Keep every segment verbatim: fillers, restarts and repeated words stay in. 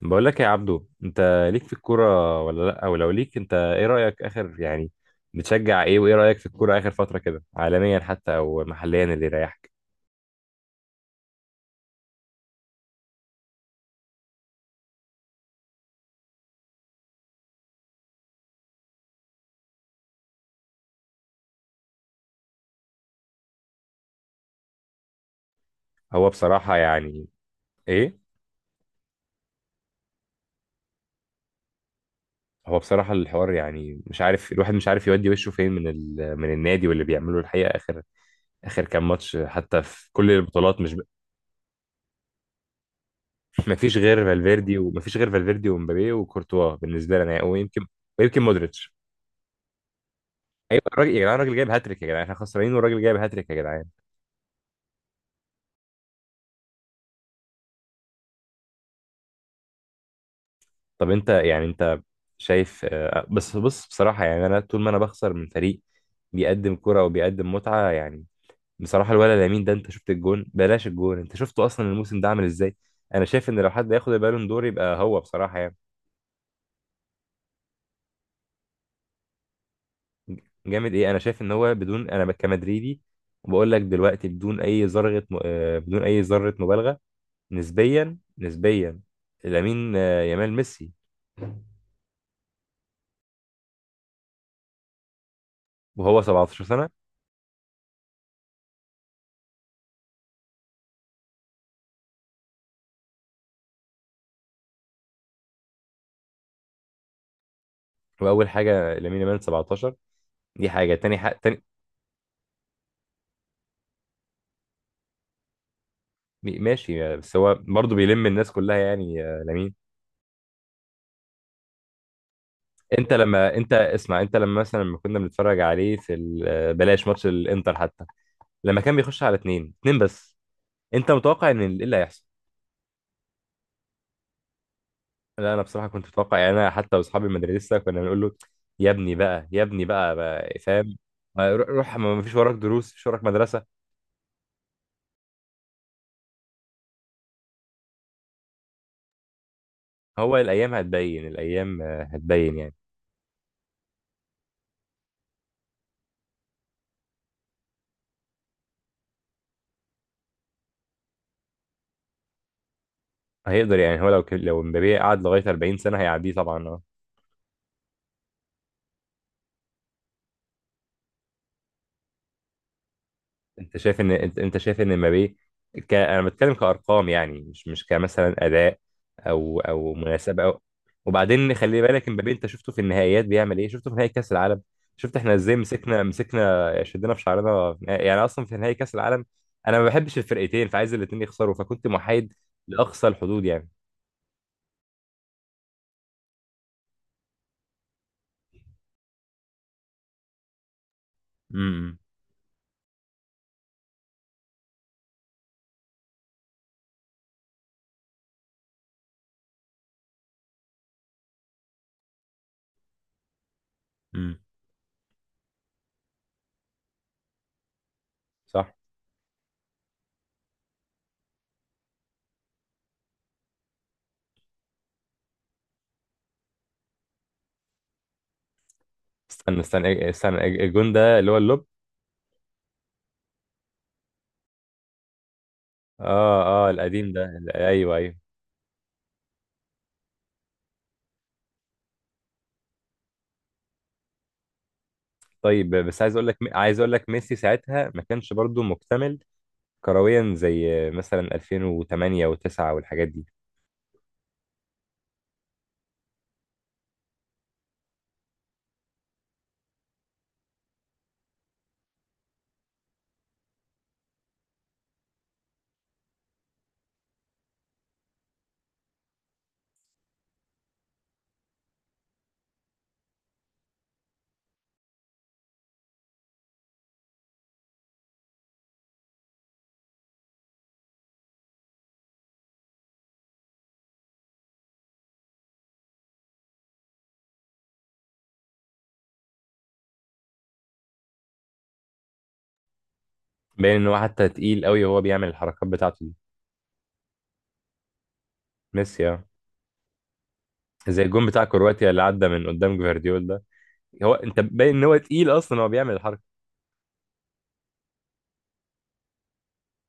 بقول لك يا عبدو، انت ليك في الكوره ولا لا؟ او لو ليك انت، ايه رايك اخر؟ يعني بتشجع ايه وايه رايك في الكوره اخر فتره كده، عالميا حتى او محليا اللي يريحك؟ هو بصراحه يعني. ايه؟ هو بصراحه الحوار، يعني مش عارف، الواحد مش عارف يودي وشه فين من ال... من النادي واللي بيعمله الحقيقه اخر اخر كام ماتش، حتى في كل البطولات، مش ب... مفيش غير فالفيردي ومفيش غير فالفيردي ومبابي وكورتوا بالنسبه لنا، ويمكن ويمكن مودريتش. ايوه الراجل يا جدعان، الراجل جايب هاتريك يا جدعان، احنا خسرانين والراجل جايب هاتريك يا جدعان. طب انت يعني انت شايف. آه، بس بص، بصراحة يعني انا طول ما انا بخسر من فريق بيقدم كرة وبيقدم متعة يعني. بصراحة الولد لامين ده، انت شفت الجون؟ بلاش الجون، انت شفته اصلا الموسم ده عامل ازاي؟ انا شايف ان لو حد ياخد البالون دور يبقى هو، بصراحة يعني. جامد ايه؟ انا شايف ان هو، بدون، انا كمدريدي وبقول لك دلوقتي، بدون اي ذرة م- آه، بدون اي ذرة مبالغة، نسبيا نسبيا، لامين آه، يامال ميسي، وهو 17 سنة. واول حاجة لامين يامال سبعتاشر، دي حاجة تاني، حق تاني. ماشي، بس هو برضه بيلم الناس كلها يعني، آه، لامين. انت لما انت اسمع، انت لما مثلا لما كنا بنتفرج عليه في ال- آه، بلاش، ماتش الانتر حتى لما كان بيخش على اتنين اتنين بس، انت متوقع ان ال- ايه اللي هيحصل؟ لا انا بصراحة كنت متوقع، يعني انا حتى واصحابي المدرسة كنا بنقول له، يا ابني بقى، يا ابني بقى، بقى فاهم، آه، روح روح، ما فيش وراك دروس، مفيش وراك مدرسة. هو الايام هتبين، الايام آه، هتبين يعني. هيقدر، يعني هو لو ك- لو مبابي قعد لغاية 40 سنة هيعديه طبعا آه. انت شايف ان، انت انت شايف ان مبابي ك... انا بتكلم كارقام يعني، مش مش كمثلا اداء، او او مناسبه أو... وبعدين خلي بالك، مبابي انت شفته في النهائيات بيعمل ايه؟ شفته في نهائي كاس العالم؟ شفت احنا ازاي مسكنا مسكنا شدينا في شعرنا يعني اصلا في نهائي كاس العالم؟ انا ما بحبش الفرقتين، فعايز الاثنين يخسروا فكنت محايد لاقصى الحدود يعني. امم امم، صح. استنى استنى استنى، الجون ده اللي هو اللوب؟ اه اه، القديم ده، ايوه ايوه. طيب، بس عايز اقول لك عايز اقول لك ميسي ساعتها ما كانش برضو مكتمل كرويا، زي مثلا ألفين وتمانية و9 والحاجات دي. باين ان هو حتى تقيل قوي وهو بيعمل الحركات بتاعته دي. ميسي اه. زي الجون بتاع كرواتيا اللي عدى من قدام جفارديول ده، هو انت باين ان هو تقيل اصلا هو بيعمل الحركه.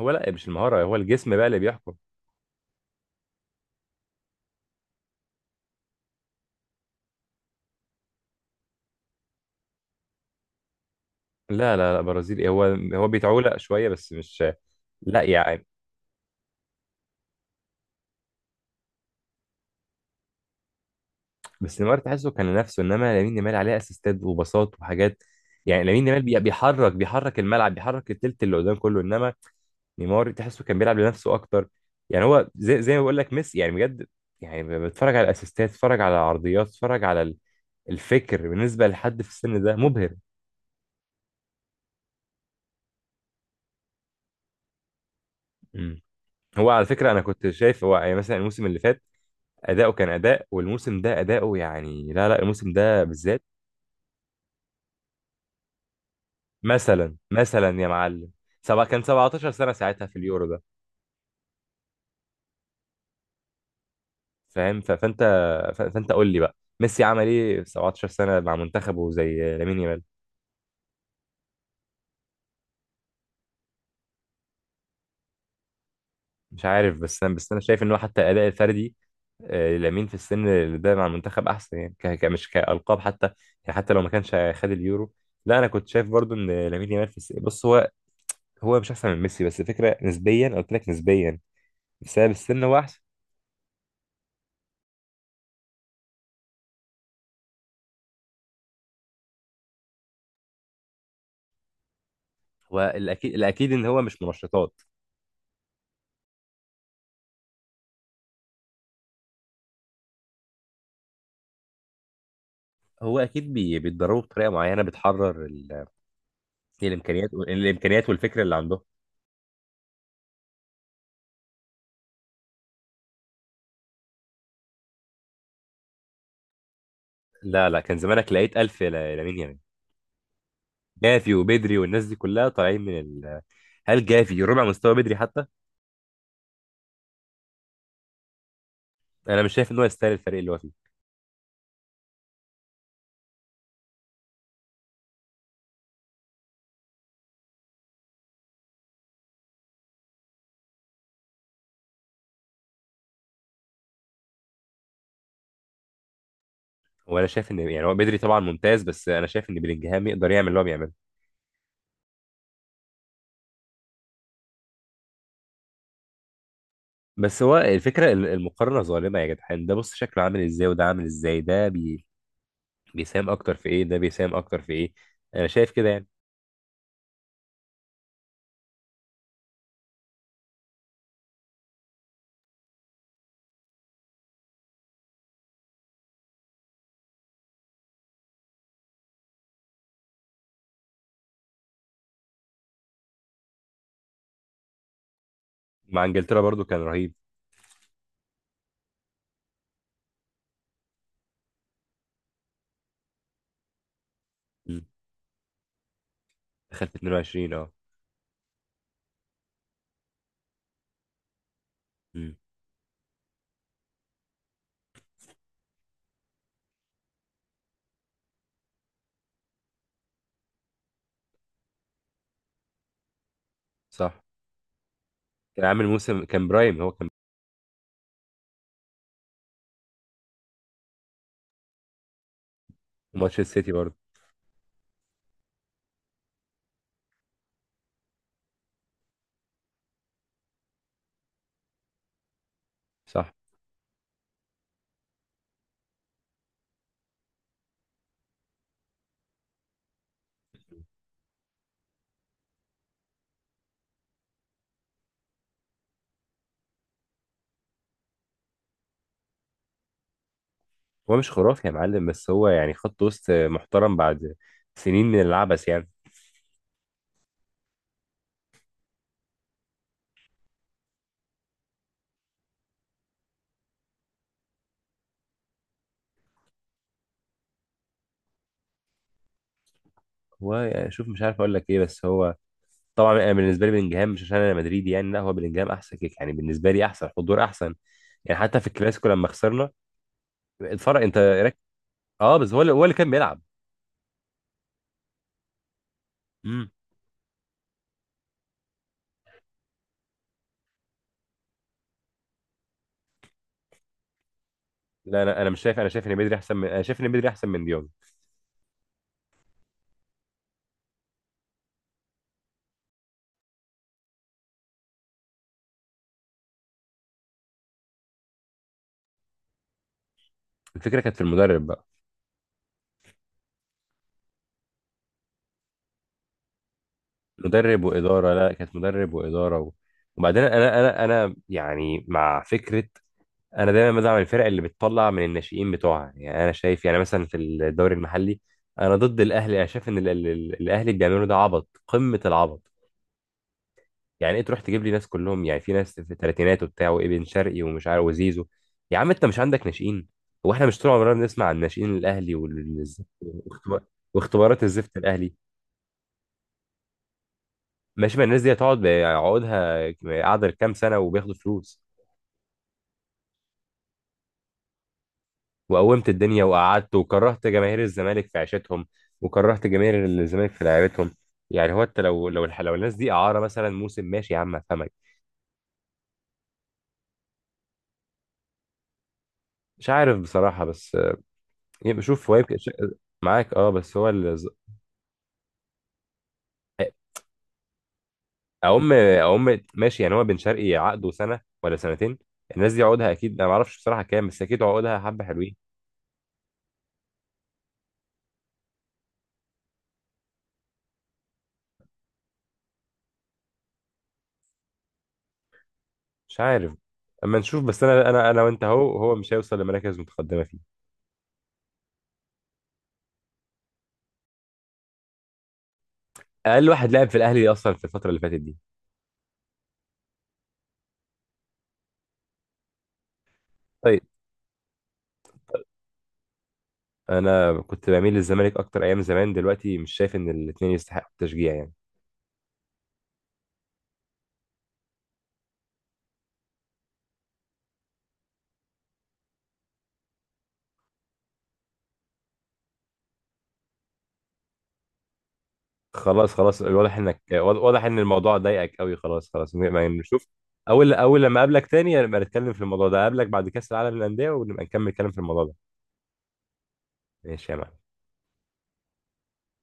هو لا، مش المهاره، هو الجسم بقى اللي بيحكم. لا لا لا، برازيلي هو. هو بيتعولق شويه بس مش، لا يعني. بس نيمار تحسه كان نفسه، انما لامين يامال عليه اسيستات وباصات وحاجات. يعني لامين يامال بي- بيحرك بيحرك الملعب، بيحرك التلت اللي قدام كله، انما نيمار تحسه كان بيلعب لنفسه اكتر. يعني هو زي زي ما بقول لك ميسي يعني بجد. يعني ب- بتفرج على الاسيستات، بتفرج على العرضيات، بتفرج على ال- الفكر. بالنسبه لحد في السن ده مبهر. مم. هو على فكره، انا كنت شايف هو، يعني مثلا الموسم اللي فات اداؤه كان اداء، والموسم ده اداؤه يعني، لا لا الموسم ده بالذات. مثلا مثلا يا معلم، سبعة كان 17 سنه ساعتها في اليورو ده. فاهم، ف- فانت ف- فانت قول لي بقى، ميسي عمل ايه في 17 سنه مع منتخبه زي لامين يامال؟ مش عارف، بس انا بس انا شايف ان هو حتى الاداء الفردي، آه، لامين في السن اللي ده مع المنتخب احسن، يعني ك- ك- مش كالقاب حتى، يعني حتى لو ما كانش خد اليورو. لا انا كنت شايف برضو ان لامين يامال في السن، بص هو هو مش احسن من ميسي، بس الفكره نسبيا، قلت لك نسبيا، بسبب السن هو احسن. هو الاكيد الاكيد ان هو مش منشطات. هو اكيد بي- بيتدربوا بطريقه معينه بتحرر ال- الامكانيات، الامكانيات والفكره اللي عندهم. لا لا، كان زمانك لقيت ألف ل- لامين يامال. جافي وبدري والناس دي كلها طالعين من ال... هل جافي ربع مستوى بدري حتى؟ انا مش شايف ان هو يستاهل الفريق اللي هو فيه. وانا شايف ان، يعني هو بدري طبعا ممتاز، بس انا شايف ان بلينجهام يقدر يعمل اللي هو بيعمله. بس هو الفكره، ال- المقارنه ظالمه يا جدعان، ده بص شكله عامل ازاي وده عامل ازاي، ده بي... بيساهم اكتر في ايه، ده بيساهم اكتر في ايه. انا شايف كده يعني. مع انجلترا برضو كان رهيب. مم. دخل في اتنين وعشرين اه. مم. صح. كان عامل موسم، كان برايم، هو كان. ماتش السيتي برضو. صح. هو مش خرافي يا معلم، بس هو يعني خط وسط محترم بعد سنين من العبث يعني. هو يعني شوف، مش عارف اقول لك ايه، بس هو، طبعا انا بالنسبه لي بلينجهام، مش عشان انا مدريدي يعني، لا هو بلينجهام احسن كيك، يعني بالنسبه لي احسن حضور احسن. يعني حتى في الكلاسيكو لما خسرنا، اتفرج انت رك... اه بس هو، اللي هو اللي كان بيلعب. امم. لا انا انا مش شايف، انا شايف ان بدري احسن من انا شايف ان بدري احسن من ديونج. الفكره كانت في المدرب بقى. مدرب واداره، لا كانت مدرب واداره و... وبعدين انا انا انا يعني مع فكره، انا دايما بدعم الفرق اللي بتطلع من الناشئين بتوعها، يعني انا شايف يعني مثلا في الدوري المحلي انا ضد الاهلي. انا شايف ان ال- ال- ال- الاهلي اللي بيعملوا ده عبط، قمه العبط. يعني ايه تروح تجيب لي ناس كلهم، يعني في ناس في الثلاثينات وبتاع، وابن شرقي ومش عارف وزيزو؟ يا عم انت مش عندك ناشئين؟ هو احنا مش طول عمرنا بنسمع عن ناشئين الاهلي وال- والزفت- واختبار- واختبارات الزفت الاهلي؟ ماشي، ما الناس دي هتقعد عقودها قاعده كام سنه وبياخدوا فلوس، وقومت الدنيا وقعدت وكرهت جماهير الزمالك في عيشتهم، وكرهت جماهير الزمالك في لعيبتهم. يعني هو انت لو لو الح- لو الناس دي اعاره مثلا موسم، ماشي يا عم افهمك. مش عارف بصراحه، بس آه، يبقى شوف هو، يبقى ش- معاك اه، بس هو الز-. اقوم اقوم ماشي، يعني هو بن شرقي عقده سنه ولا سنتين. الناس دي عقودها اكيد انا ما اعرفش بصراحه كام، بس اكيد عقودها حبه حلوين. مش عارف. اما نشوف، بس انا انا انا وانت اهو، هو مش هيوصل لمراكز متقدمه فيه. اقل واحد لعب في الاهلي اصلا في الفتره اللي فاتت دي. طيب، انا كنت بميل للزمالك اكتر ايام زمان، دلوقتي مش شايف ان الاثنين يستحقوا التشجيع يعني. خلاص خلاص، واضح انك، واضح ان الموضوع ضايقك قوي. خلاص خلاص، ما نشوف. اول اول لما اقابلك تاني نبقى نتكلم في الموضوع ده، اقابلك بعد كاس العالم للانديه ونبقى نكمل كلام في الموضوع ده. ماشي يا معلم.